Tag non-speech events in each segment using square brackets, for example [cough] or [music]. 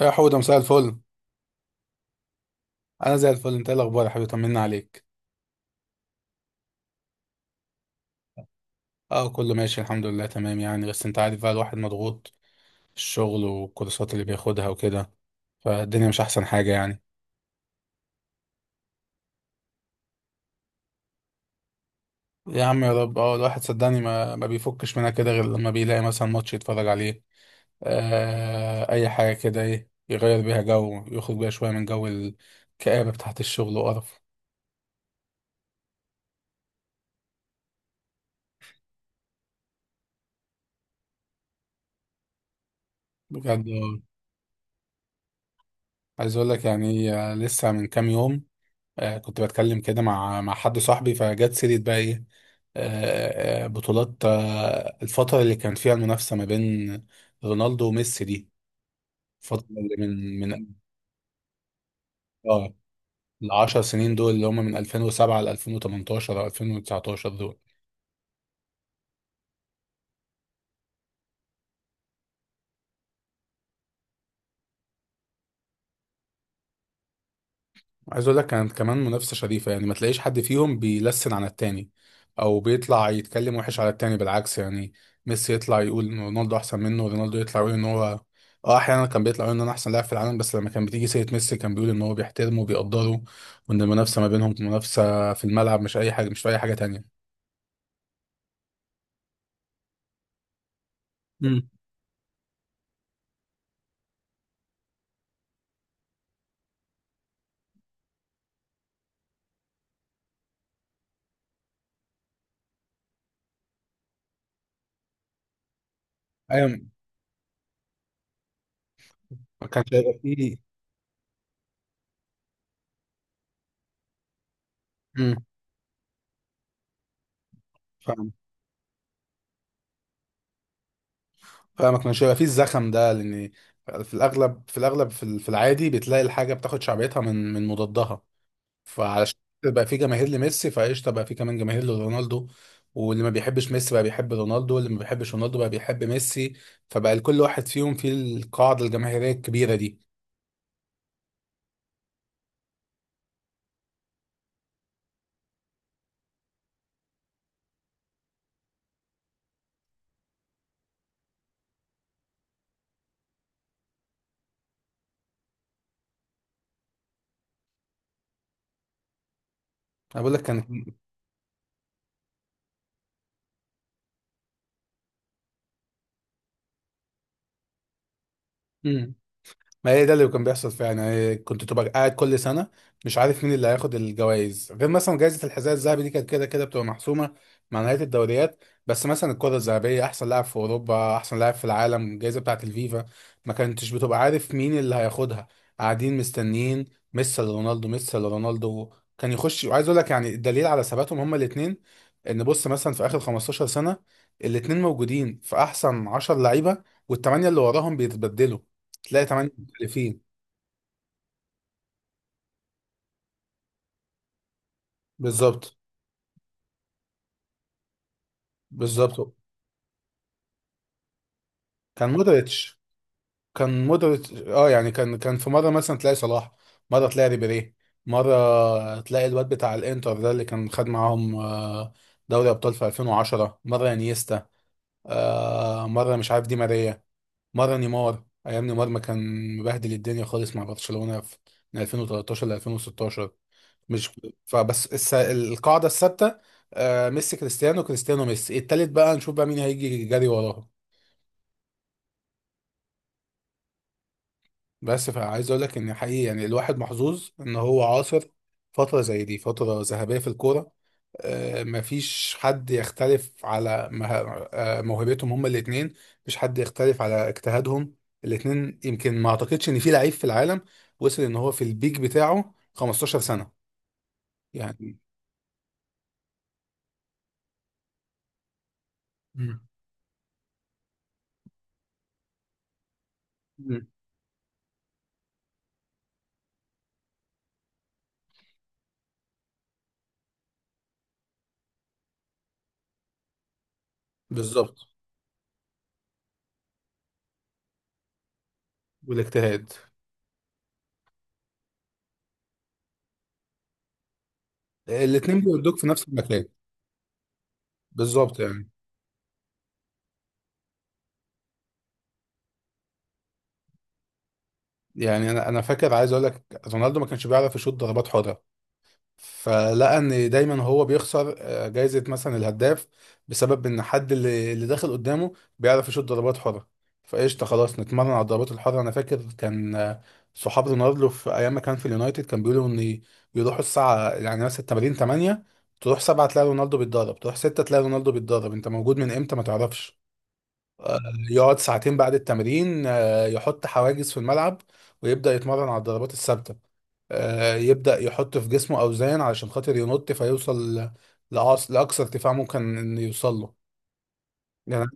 يا حودة، مساء الفل. انا زي الفل. انت ايه الاخبار يا حبيبي؟ طمنا عليك. اه، كله ماشي الحمد لله، تمام يعني. بس انت عارف بقى الواحد مضغوط، الشغل والكورسات اللي بياخدها وكده، فالدنيا مش احسن حاجة يعني. يا عم، يا رب. اه، الواحد صدقني ما بيفكش منها كده غير لما بيلاقي مثلا ماتش يتفرج عليه. آه، اي حاجة كده، ايه يغير بيها جو، يخرج بيها شوية من جو الكآبة بتاعت الشغل وقرف. بجد، آه. عايز اقول لك يعني، لسه من كام يوم، كنت بتكلم كده مع حد صاحبي، فجت سيرة بقى ايه. بطولات، الفترة اللي كان فيها المنافسة ما بين رونالدو وميسي دي. الفترة اللي من اه العشر سنين دول، اللي هم من 2007 ل 2018 او 2019 دول. عايز اقول لك كانت كمان منافسه شريفه يعني، ما تلاقيش حد فيهم بيلسن على التاني، او بيطلع يتكلم وحش على التاني، بالعكس يعني. ميسي يطلع يقول ان رونالدو احسن منه، ورونالدو يطلع يقول ان هو، اه، احيانا كان بيطلع يقول ان انا احسن لاعب في العالم، بس لما كان بتيجي سيره ميسي كان بيقول ان هو بيحترمه وبيقدره، وان المنافسه ما بينهم منافسه في الملعب مش اي حاجه، مش في اي حاجه تانيه. امم. ايوه. ما كانش هيبقى فيه. امم. فاهم. فما كانش هيبقى فيه الزخم ده، لان في الاغلب، في الاغلب، في العادي بتلاقي الحاجه بتاخد شعبيتها من مضادها. فعلشان بقى في جماهير لميسي فقشطه، بقى في كمان جماهير لرونالدو، واللي ما بيحبش ميسي بقى بيحب رونالدو، واللي ما بيحبش رونالدو بقى بيحب ميسي. فبقى لكل واحد فيهم في القاعده الجماهيريه الكبيره دي. انا بقول لك كان. ما هي ده اللي كان بيحصل فعلا يعني، كنت تبقى قاعد كل سنه مش عارف مين اللي هياخد الجوائز، غير مثلا جائزه الحذاء الذهبي دي كانت كده كده بتبقى محسومه مع نهايه الدوريات. بس مثلا الكره الذهبيه، احسن لاعب في اوروبا، احسن لاعب في العالم، الجائزه بتاعه الفيفا، ما كنتش بتبقى عارف مين اللي هياخدها. قاعدين مستنيين ميسي رونالدو ميسي رونالدو كان يخش. وعايز اقول لك يعني الدليل على ثباتهم هما الاثنين، ان بص مثلا في اخر 15 سنه الاثنين موجودين في احسن 10 لعيبه، والثمانيه اللي وراهم بيتبدلوا. تلاقي 8 اللي فيه. بالظبط. بالظبط. كان مودريتش، كان مودريتش. اه يعني كان في مره مثلا تلاقي صلاح، مره تلاقي ريبيري، مره تلاقي الواد بتاع الانتر ده اللي كان خد معاهم دوري ابطال في 2010، مره انيستا، مره مش عارف دي ماريا، مره نيمار ايام نيمار ما كان مبهدل الدنيا خالص مع برشلونه في من 2013 ل 2016. مش، فبس القاعده الثابته، آه، ميسي كريستيانو كريستيانو ميسي، التالت بقى نشوف بقى مين هيجي جري وراه. بس فعايز اقول لك ان حقيقي يعني الواحد محظوظ ان هو عاصر فتره زي دي، فتره ذهبيه في الكوره. مفيش حد يختلف على موهبتهم هما الاثنين، مفيش حد يختلف على اجتهادهم الاثنين. يمكن ما اعتقدش ان في لعيب في العالم وصل ان هو في البيك بتاعه 15 سنه يعني. مم. مم. بالظبط. والاجتهاد. الاثنين بيودوك في نفس المكان. بالظبط يعني. يعني انا فاكر، عايز اقول لك رونالدو ما كانش بيعرف يشوط ضربات حره، فلقى ان دايما هو بيخسر جايزة مثلا الهداف بسبب ان حد اللي داخل قدامه بيعرف يشوط ضربات حرة. فقشطة، خلاص نتمرن على الضربات الحرة. انا فاكر كان، آه، صحاب رونالدو في ايام ما كان في اليونايتد كان بيقولوا ان يروحوا الساعة يعني مثلا التمارين 8، تروح 7 تلاقي رونالدو بيتدرب، تروح 6 تلاقي رونالدو بيتدرب، انت موجود من امتى ما تعرفش. آه، يقعد ساعتين بعد التمرين، يحط حواجز في الملعب ويبدأ يتمرن على الضربات الثابتة، يبدأ يحط في جسمه أوزان علشان خاطر ينط فيوصل لأقصى ارتفاع ممكن إنه يوصل له يعني.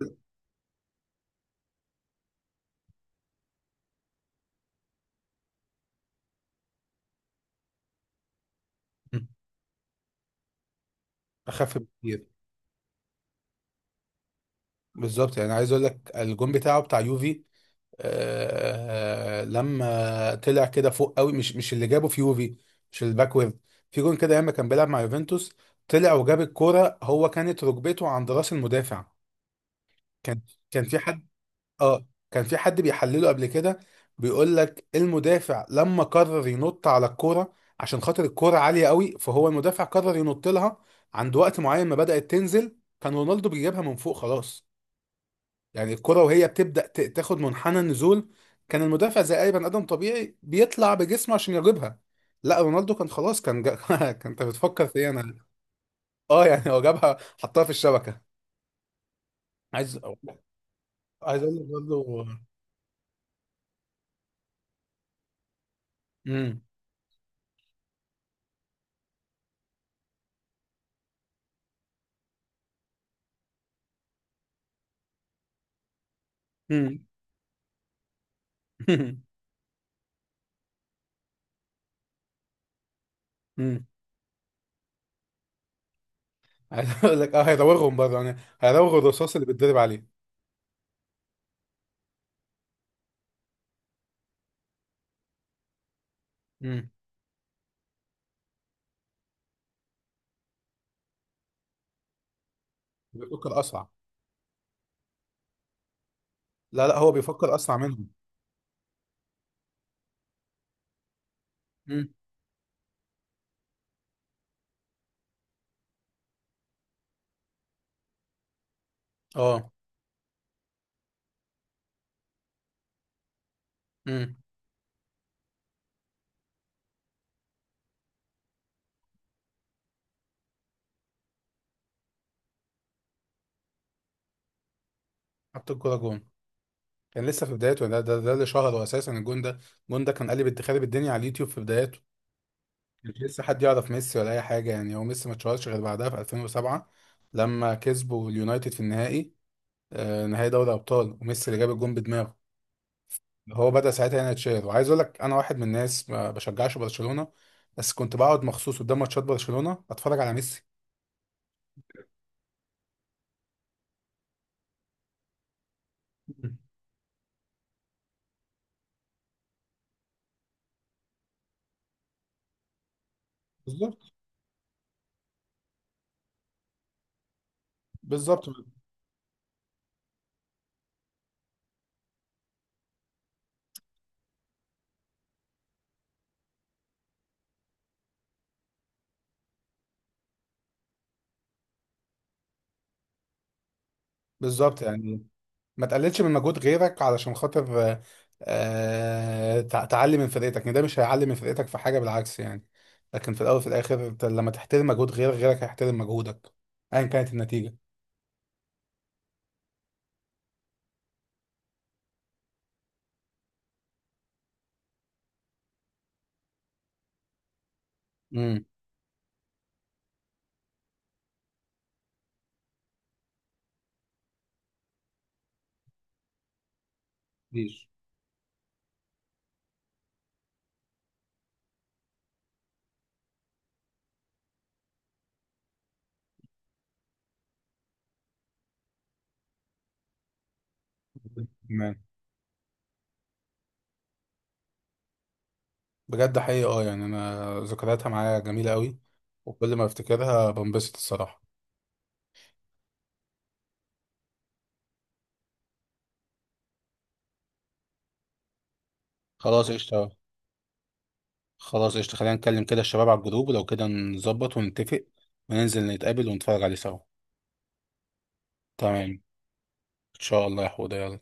أخف بكتير. بالظبط يعني، عايز أقول لك الجون بتاعه بتاع يوفي، لما طلع كده فوق قوي، مش اللي جابه في يوفي، مش الباكورد. في جون كده ياما كان بيلعب مع يوفنتوس، طلع وجاب الكورة، هو كانت ركبته عند راس المدافع. كان، كان في حد، اه كان في حد بيحلله قبل كده، بيقول لك المدافع لما قرر ينط على الكوره عشان خاطر الكوره عاليه قوي، فهو المدافع قرر ينط لها عند وقت معين ما بدأت تنزل، كان رونالدو بيجيبها من فوق خلاص. يعني الكوره وهي بتبدأ تاخد منحنى النزول، كان المدافع زي اي بني ادم طبيعي بيطلع بجسمه عشان يجيبها، لا رونالدو كان خلاص، كان [laughs] كان انت بتفكر في ايه انا. [laughs] اه يعني هو جابها، حطها في الشبكه. عايز عايز اقول لك برضه. امم. [laughs] مم. مم. عايز اقول لك، اه، هيراوغهم برضه يعني، هيراوغ الرصاص اللي بيتضرب عليه. مم. بيفكر اسرع. لا لا، هو بيفكر اسرع منهم. مم. اه. امم. حط الكوره جون. كان لسه في بدايته، ده اللي شهره اساسا الجون ده. الجون ده كان قلب خارب الدنيا على اليوتيوب في بدايته. مش لسه حد يعرف ميسي ولا اي حاجه، يعني هو ميسي ما اتشهرش غير بعدها في 2007 لما كسبوا اليونايتد في النهائي، آه، نهائي دوري ابطال، وميسي اللي جاب الجون بدماغه. هو بدأ ساعتها ينتشر، وعايز اقول لك انا واحد من الناس ما بشجعش برشلونة، بس كنت بقعد مخصوص قدام ماتشات برشلونة اتفرج على ميسي. مم. بالظبط. بالظبط. بالظبط يعني، ما تقللش من مجهود غيرك علشان خاطر، تعلي من فرقتك، يعني ده مش هيعلي من فرقتك في حاجة بالعكس يعني. لكن في الاول وفي الاخر أنت لما تحترم مجهود غيرك، غيرك هيحترم مجهودك، ايا كانت النتيجة. امم. مفيش. تمام. بجد حقيقي اه، يعني انا ذكرياتها معايا جميله قوي، وكل ما افتكرها بنبسط الصراحه. خلاص قشطه. خلاص قشطه، خلينا نتكلم كده الشباب على الجروب، ولو كده نظبط ونتفق وننزل نتقابل ونتفرج عليه سوا. تمام ان شاء الله يا حوده، يلا.